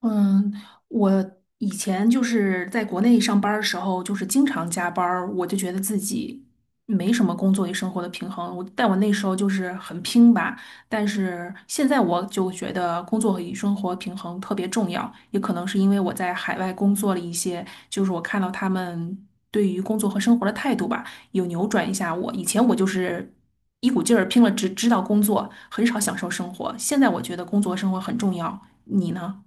嗯，我以前就是在国内上班儿的时候，就是经常加班儿，我就觉得自己没什么工作与生活的平衡。但我那时候就是很拼吧，但是现在我就觉得工作与生活平衡特别重要，也可能是因为我在海外工作了一些，就是我看到他们对于工作和生活的态度吧，有扭转一下我。以前我就是一股劲儿拼了，只知道工作，很少享受生活。现在我觉得工作和生活很重要，你呢？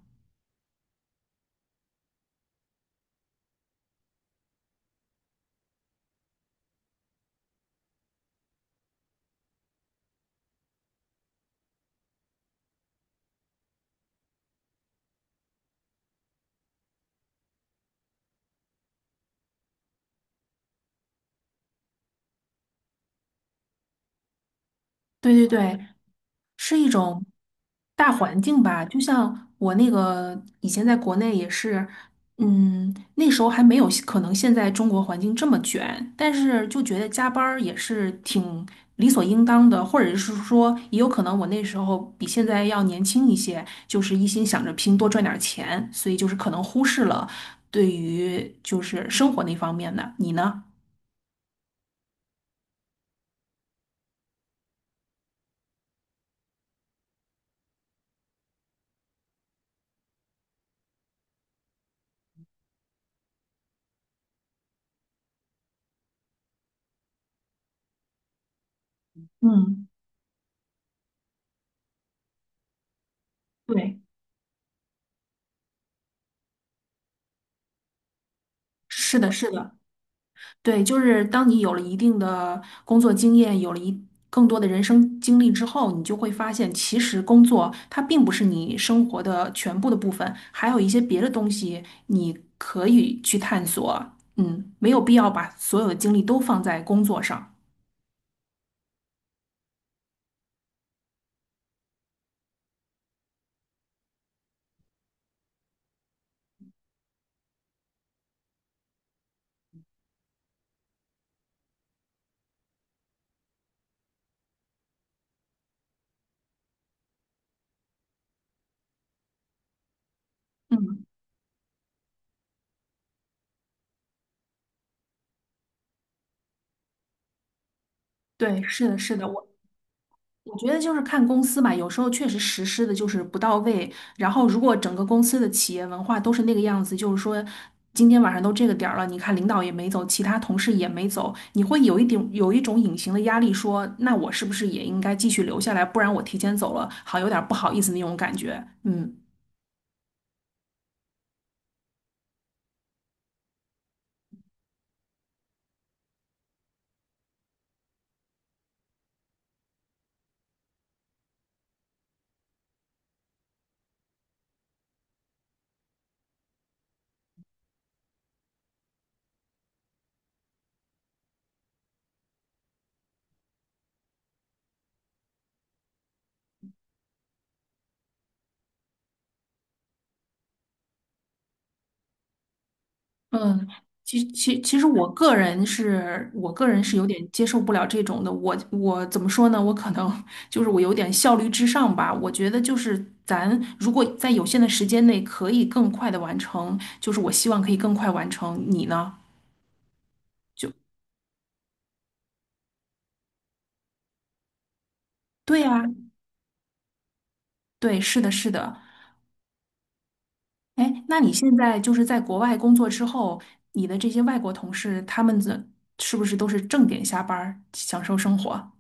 对对对，是一种大环境吧。就像我那个以前在国内也是，嗯，那时候还没有可能现在中国环境这么卷，但是就觉得加班儿也是挺理所应当的，或者是说也有可能我那时候比现在要年轻一些，就是一心想着拼多赚点儿钱，所以就是可能忽视了对于就是生活那方面的。你呢？嗯，对，是的，是的。对，就是当你有了一定的工作经验，有了一更多的人生经历之后，你就会发现，其实工作它并不是你生活的全部的部分，还有一些别的东西你可以去探索。嗯，没有必要把所有的精力都放在工作上。嗯，对，是的，是的，我。我觉得就是看公司吧，有时候确实实施的就是不到位。然后，如果整个公司的企业文化都是那个样子，就是说今天晚上都这个点儿了，你看领导也没走，其他同事也没走，你会有一点有一种隐形的压力说，那我是不是也应该继续留下来，不然我提前走了，好有点儿不好意思那种感觉。嗯。嗯，其实我个人是有点接受不了这种的。我怎么说呢？我可能 就是我有点效率至上吧。我觉得就是咱如果在有限的时间内可以更快的完成，就是我希望可以更快完成。你呢？对呀，对，是的，是的。哎，那你现在就是在国外工作之后，你的这些外国同事，他们的是不是都是正点下班儿，享受生活？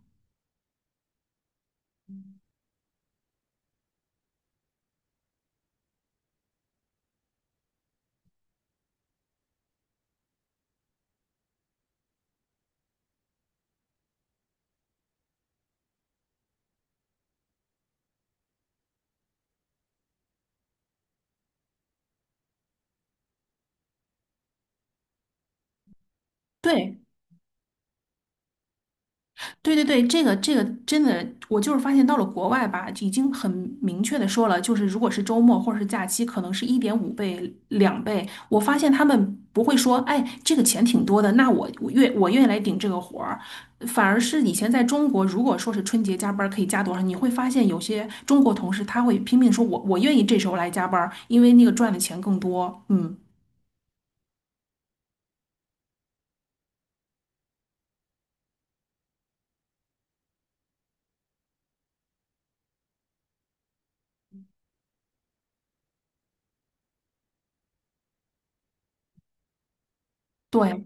对。对对对，这个这个真的，我就是发现到了国外吧，已经很明确的说了，就是如果是周末或者是假期，可能是一点五倍、两倍。我发现他们不会说，哎，这个钱挺多的，那我愿意来顶这个活儿。反而是以前在中国，如果说是春节加班儿可以加多少，你会发现有些中国同事他会拼命说我愿意这时候来加班儿，因为那个赚的钱更多。嗯，对。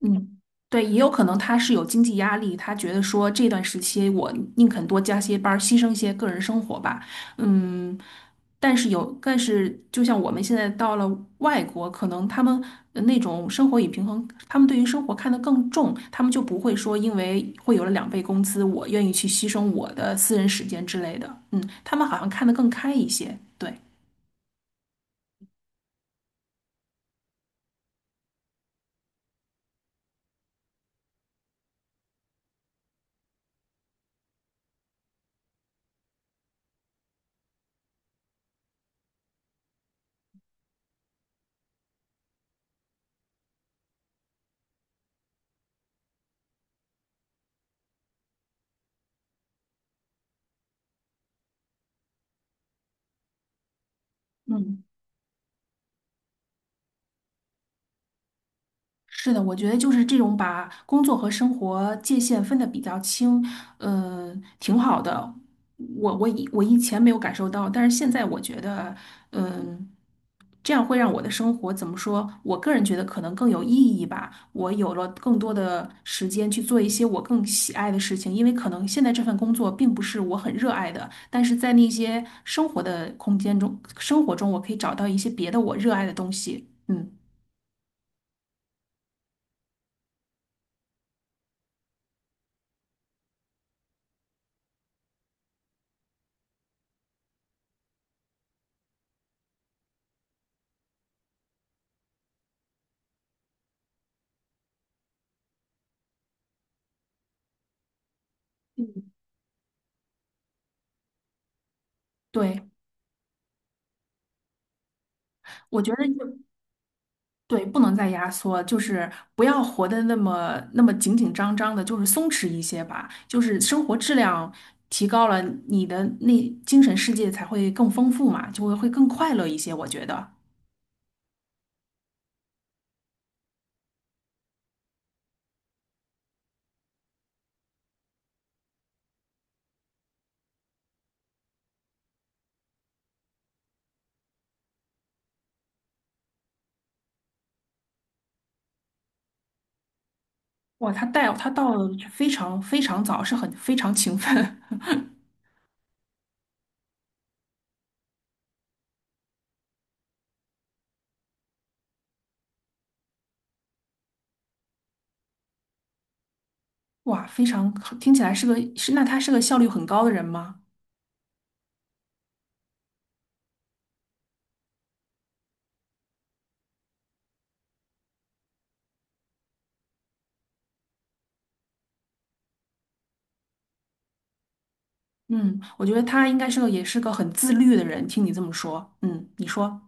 嗯，对，也有可能他是有经济压力，他觉得说这段时期我宁肯多加些班儿，牺牲一些个人生活吧。嗯，但是就像我们现在到了外国，可能他们那种生活与平衡，他们对于生活看得更重，他们就不会说因为会有了两倍工资，我愿意去牺牲我的私人时间之类的。嗯，他们好像看得更开一些。对，嗯。是的，我觉得就是这种把工作和生活界限分得比较清，呃，挺好的。我以前没有感受到，但是现在我觉得，嗯、这样会让我的生活怎么说？我个人觉得可能更有意义吧。我有了更多的时间去做一些我更喜爱的事情，因为可能现在这份工作并不是我很热爱的，但是在那些生活的空间中，生活中我可以找到一些别的我热爱的东西。嗯，嗯，对，我觉得。对，不能再压缩，就是不要活得那么那么紧紧张张的，就是松弛一些吧。就是生活质量提高了，你的那精神世界才会更丰富嘛，就会更快乐一些。我觉得，哇，他到了非常非常早，是很非常勤奋，哇，非常听起来是个那他是个效率很高的人吗？嗯，我觉得他应该是个也是个很自律的人。听你这么说，嗯，你说，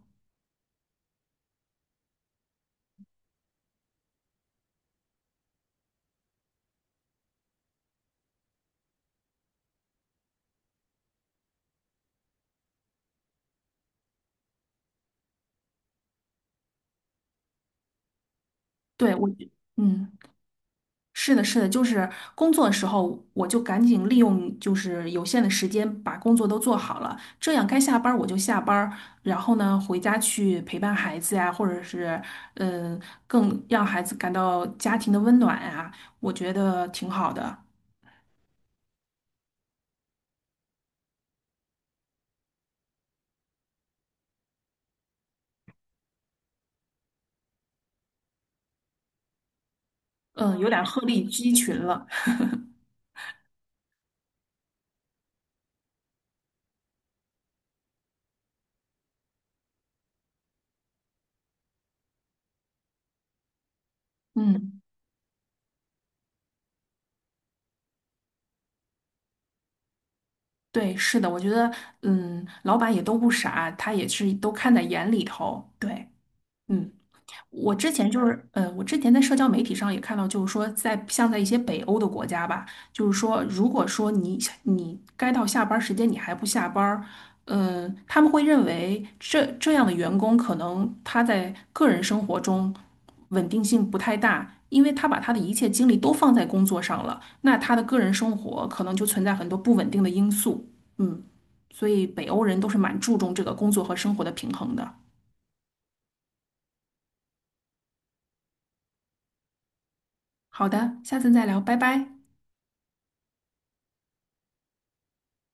对我，嗯。是的，是的，就是工作的时候，我就赶紧利用就是有限的时间把工作都做好了，这样该下班儿我就下班儿，然后呢回家去陪伴孩子呀，或者是嗯，更让孩子感到家庭的温暖呀，我觉得挺好的。嗯，有点鹤立鸡群了。嗯，对，是的，我觉得嗯，老板也都不傻，他也是都看在眼里头。对，嗯。我之前就是，我之前在社交媒体上也看到，就是说在，像在一些北欧的国家吧，就是说，如果说你该到下班儿时间你还不下班儿，他们会认为这样的员工可能他在个人生活中稳定性不太大，因为他把他的一切精力都放在工作上了，那他的个人生活可能就存在很多不稳定的因素，嗯，所以北欧人都是蛮注重这个工作和生活的平衡的。好的，下次再聊，拜拜。